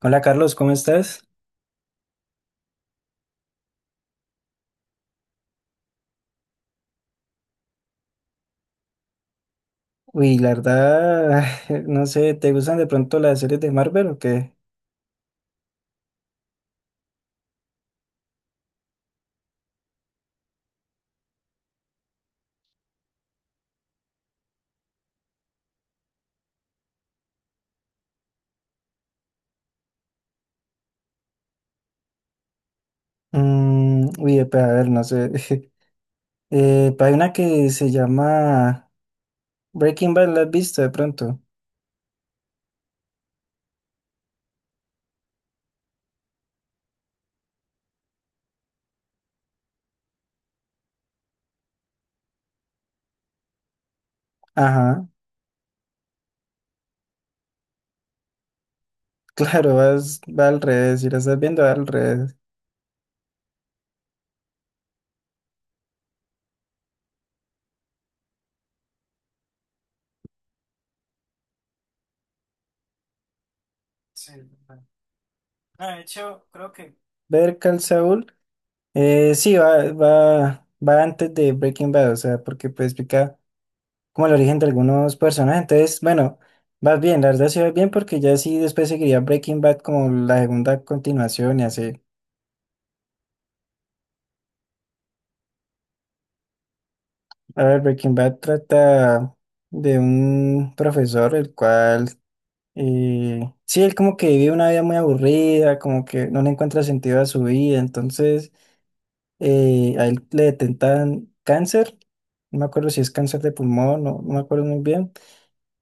Hola Carlos, ¿cómo estás? Uy, la verdad, no sé, ¿te gustan de pronto las series de Marvel o qué? Pues a ver, no sé. Pues hay una que se llama Breaking Bad, ¿la has visto de pronto? Ajá, claro, va al revés, si la estás viendo va al revés. Sí, verdad. Ah, de hecho, creo que... Ver Call Saul, sí, va antes de Breaking Bad, o sea, porque pues explica como el origen de algunos personajes. Entonces, bueno, vas bien, la verdad sí vas bien porque ya sí después seguiría Breaking Bad como la segunda continuación y así. A ver, Breaking Bad trata de un profesor el cual, sí, él como que vive una vida muy aburrida, como que no le encuentra sentido a su vida, entonces a él le detentan cáncer, no me acuerdo si es cáncer de pulmón, no, no me acuerdo muy bien.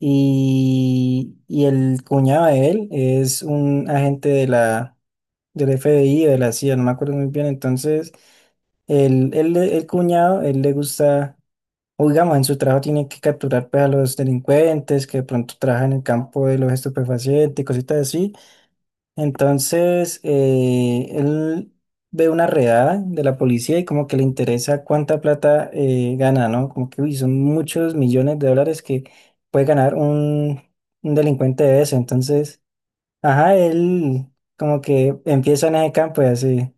Y el cuñado de él es un agente del FBI, o de la CIA, no me acuerdo muy bien. Entonces, el cuñado, él le gusta, o digamos, en su trabajo tiene que capturar pues, a los delincuentes que de pronto trabajan en el campo de los estupefacientes y cositas así. Entonces, él ve una redada de la policía y como que le interesa cuánta plata gana, ¿no? Como que uy, son muchos millones de dólares que puede ganar un delincuente de eso. Entonces, ajá, él como que empieza en ese campo y así,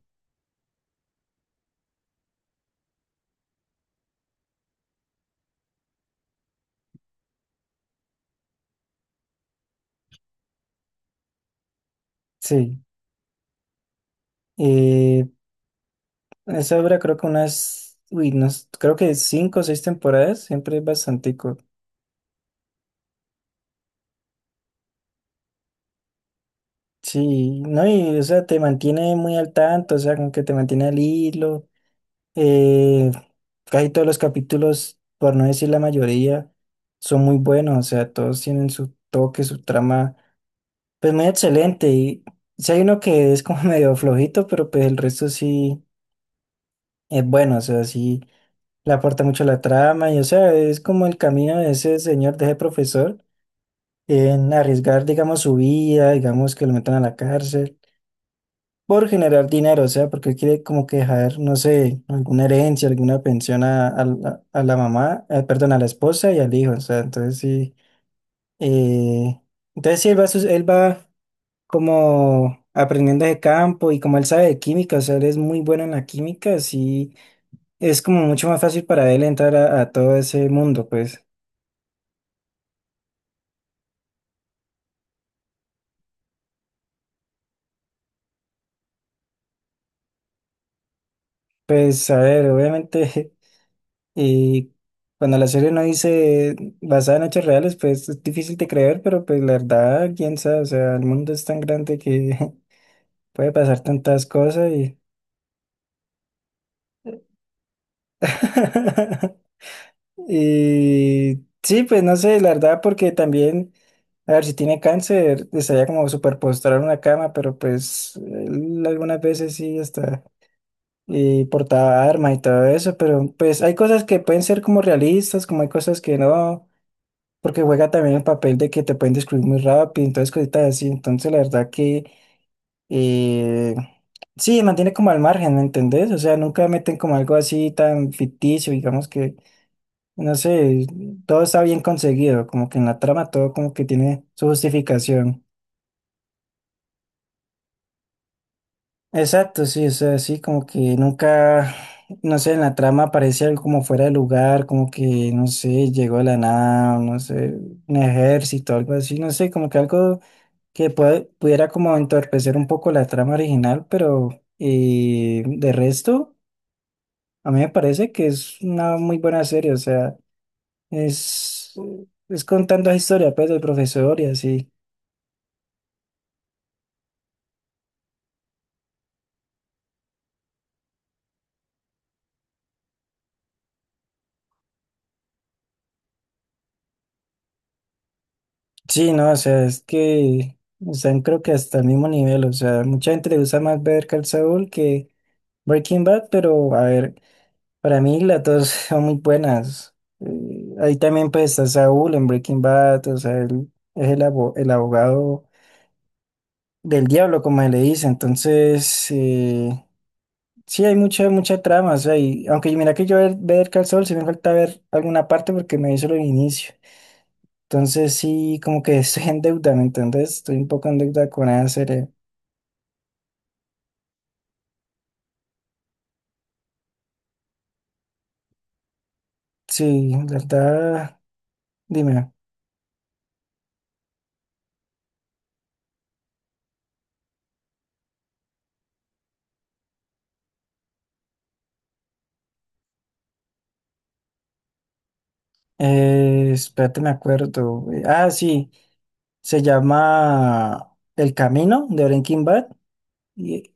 sí. Eh, esa obra creo que unas, uy, unos- creo que cinco o seis temporadas, siempre es bastante. Sí, no, y o sea, te mantiene muy al tanto, o sea, como que te mantiene al hilo. Eh, casi todos los capítulos, por no decir la mayoría, son muy buenos, o sea, todos tienen su toque, su trama, pues muy excelente. Y si hay uno que es como medio flojito, pero pues el resto sí es bueno, o sea, sí le aporta mucho a la trama y, o sea, es como el camino de ese señor, de ese profesor, en arriesgar, digamos, su vida, digamos, que lo metan a la cárcel, por generar dinero, o sea, porque quiere como que dejar, no sé, alguna herencia, alguna pensión a, a la mamá, perdón, a la esposa y al hijo, o sea, eh, entonces sí, él va como aprendiendo de campo y como él sabe de química, o sea, él es muy bueno en la química, sí, es como mucho más fácil para él entrar a todo ese mundo, pues, pues, a ver, obviamente. Y cuando la serie no dice basada en hechos reales, pues es difícil de creer, pero pues la verdad, quién sabe, o sea, el mundo es tan grande que puede pasar tantas cosas y... y sí, pues no sé, la verdad, porque también, a ver, si tiene cáncer, estaría como súper postrado en una cama, pero pues él algunas veces sí está y portaba arma y todo eso, pero pues hay cosas que pueden ser como realistas, como hay cosas que no, porque juega también el papel de que te pueden descubrir muy rápido, entonces cositas así, entonces la verdad que eh, sí, mantiene como al margen, ¿me entendés? O sea, nunca meten como algo así tan ficticio, digamos que, no sé, todo está bien conseguido, como que en la trama todo como que tiene su justificación. Exacto, sí, o sea, sí, como que nunca, no sé, en la trama aparece algo como fuera de lugar, como que, no sé, llegó de la nada, no sé, un ejército, algo así, no sé, como que algo pudiera como entorpecer un poco la trama original, pero de resto, a mí me parece que es una muy buena serie, o sea, es, es contando la historia pues del profesor y así. Sí, no, o sea, es que están creo que hasta el mismo nivel, o sea, mucha gente le gusta más ver Call Saul que Breaking Bad, pero a ver, para mí las dos son muy buenas. Ahí también pues está Saúl en Breaking Bad, o sea, él es el abogado del diablo, como se le dice. Entonces, sí, hay mucha, mucha trama. O sea, y, aunque mira que ver Call Saul, sí me falta ver alguna parte porque me hizo el inicio. Entonces, sí, como que estoy en deuda, ¿me entendés? Estoy un poco en deuda con esa serie. Sí, la verdad, dime. Espérate, me acuerdo. Ah, sí, se llama El Camino de Breaking Bad. Y,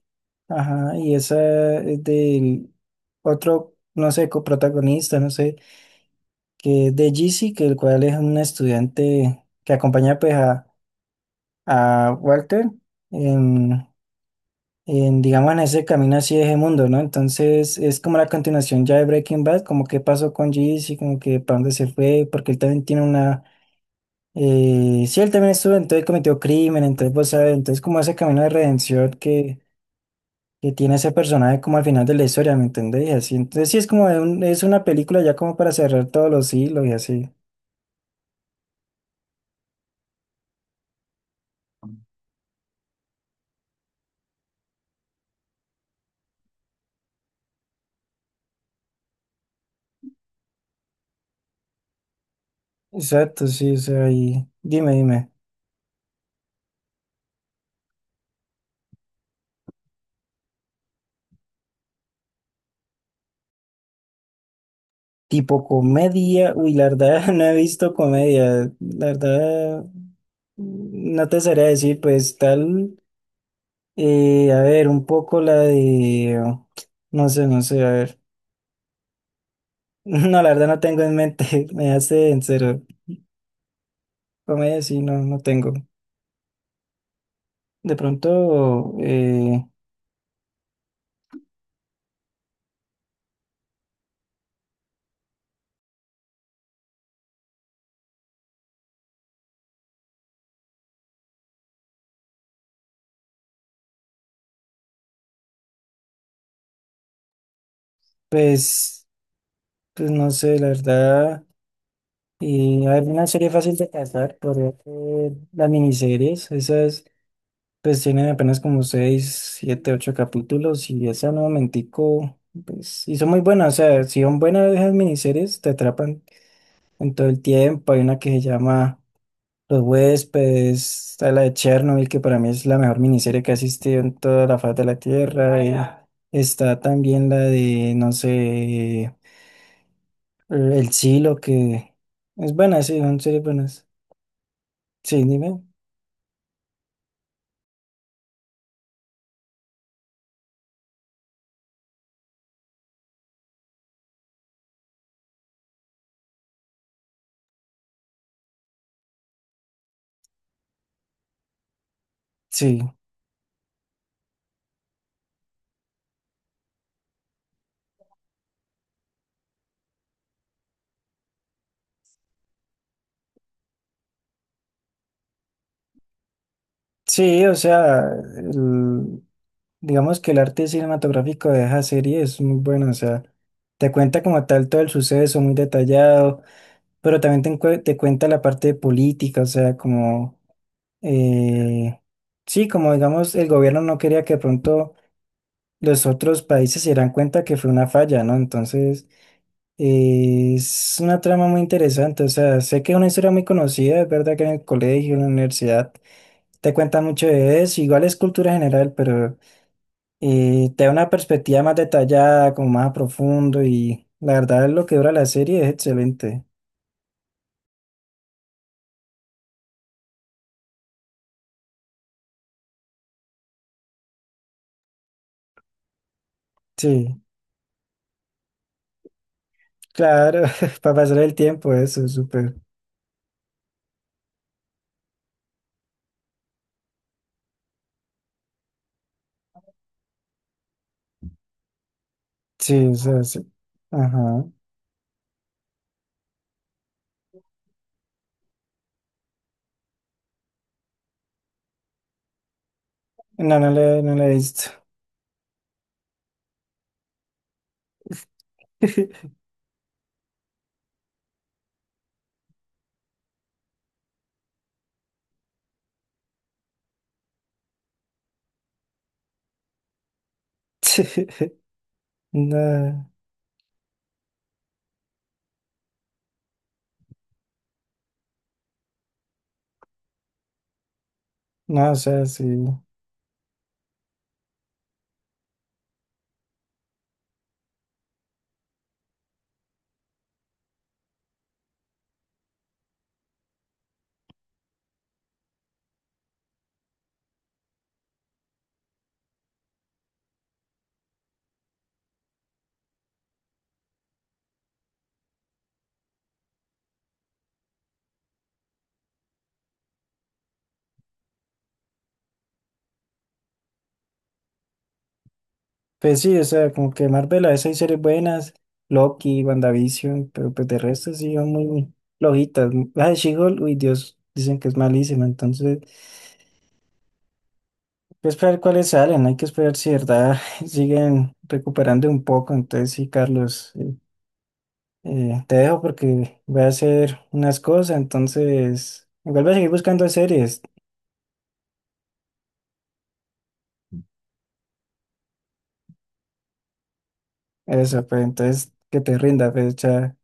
ajá, y esa es del otro, no sé, coprotagonista, no sé, que es de Jeezy, que el cual es un estudiante que acompaña pues a Walter en, en, digamos, en ese camino así de ese mundo, ¿no? Entonces es como la continuación ya de Breaking Bad, como qué pasó con Jeezy, como que para dónde se fue, porque él también tiene una... sí, él también estuvo, entonces cometió crimen, entonces vos sabes, entonces como ese camino de redención que tiene ese personaje como al final de la historia, ¿me entendés? Y así, entonces sí es como es una película ya como para cerrar todos los hilos y así. Exacto, sí, o sea, y dime, dime, tipo comedia, uy, la verdad no he visto comedia, la verdad no te sabría decir, pues tal, a ver, un poco la de, no sé, no sé, a ver, no, la verdad no tengo en mente, me hace en cero, comedia sí, no, no tengo, de pronto, pues, pues no sé, la verdad, y a ver, una serie fácil de cazar, podría ser las miniseries, esas. Pues tiene apenas como seis, siete, ocho capítulos y esa no momentico, pues, y son muy buenas, o sea, si son buenas esas miniseries, te atrapan en todo el tiempo. Hay una que se llama Los Huéspedes, está la de Chernobyl, que para mí es la mejor miniserie que ha existido en toda la faz de la Tierra. Ah, y ya. Está también la de, no sé, El Silo, que es buena, sí, son series buenas. Sí, dime, sí. Sí, o sea, el- digamos que el arte cinematográfico de esa serie es muy bueno, o sea, te cuenta como tal todo el suceso muy detallado, pero también te cuenta la parte política, o sea, como, eh, sí, como digamos, el gobierno no quería que de pronto los otros países se dieran cuenta que fue una falla, ¿no? Entonces, es una trama muy interesante, o sea, sé que es una historia muy conocida, es verdad que en el colegio, en la universidad te cuenta mucho de eso, igual es cultura general, pero te da una perspectiva más detallada, como más a profundo y la verdad lo que dura la serie es excelente. Sí, claro, para pasar el tiempo eso es súper. Sí, o sea, sí. Ajá. No, no le he visto. Sí. No, no, o sea, sí. Pues sí, o sea, como que Marvel a veces hay series buenas, Loki, WandaVision, pero pues de resto sí son muy flojitas. La de She-Hulk, uy Dios, dicen que es malísima, entonces hay que esperar cuáles salen, hay que esperar si de verdad siguen recuperando un poco. Entonces sí, Carlos, te dejo porque voy a hacer unas cosas, entonces igual voy a seguir buscando series. Eso, pues entonces que te rinda, pues, chao.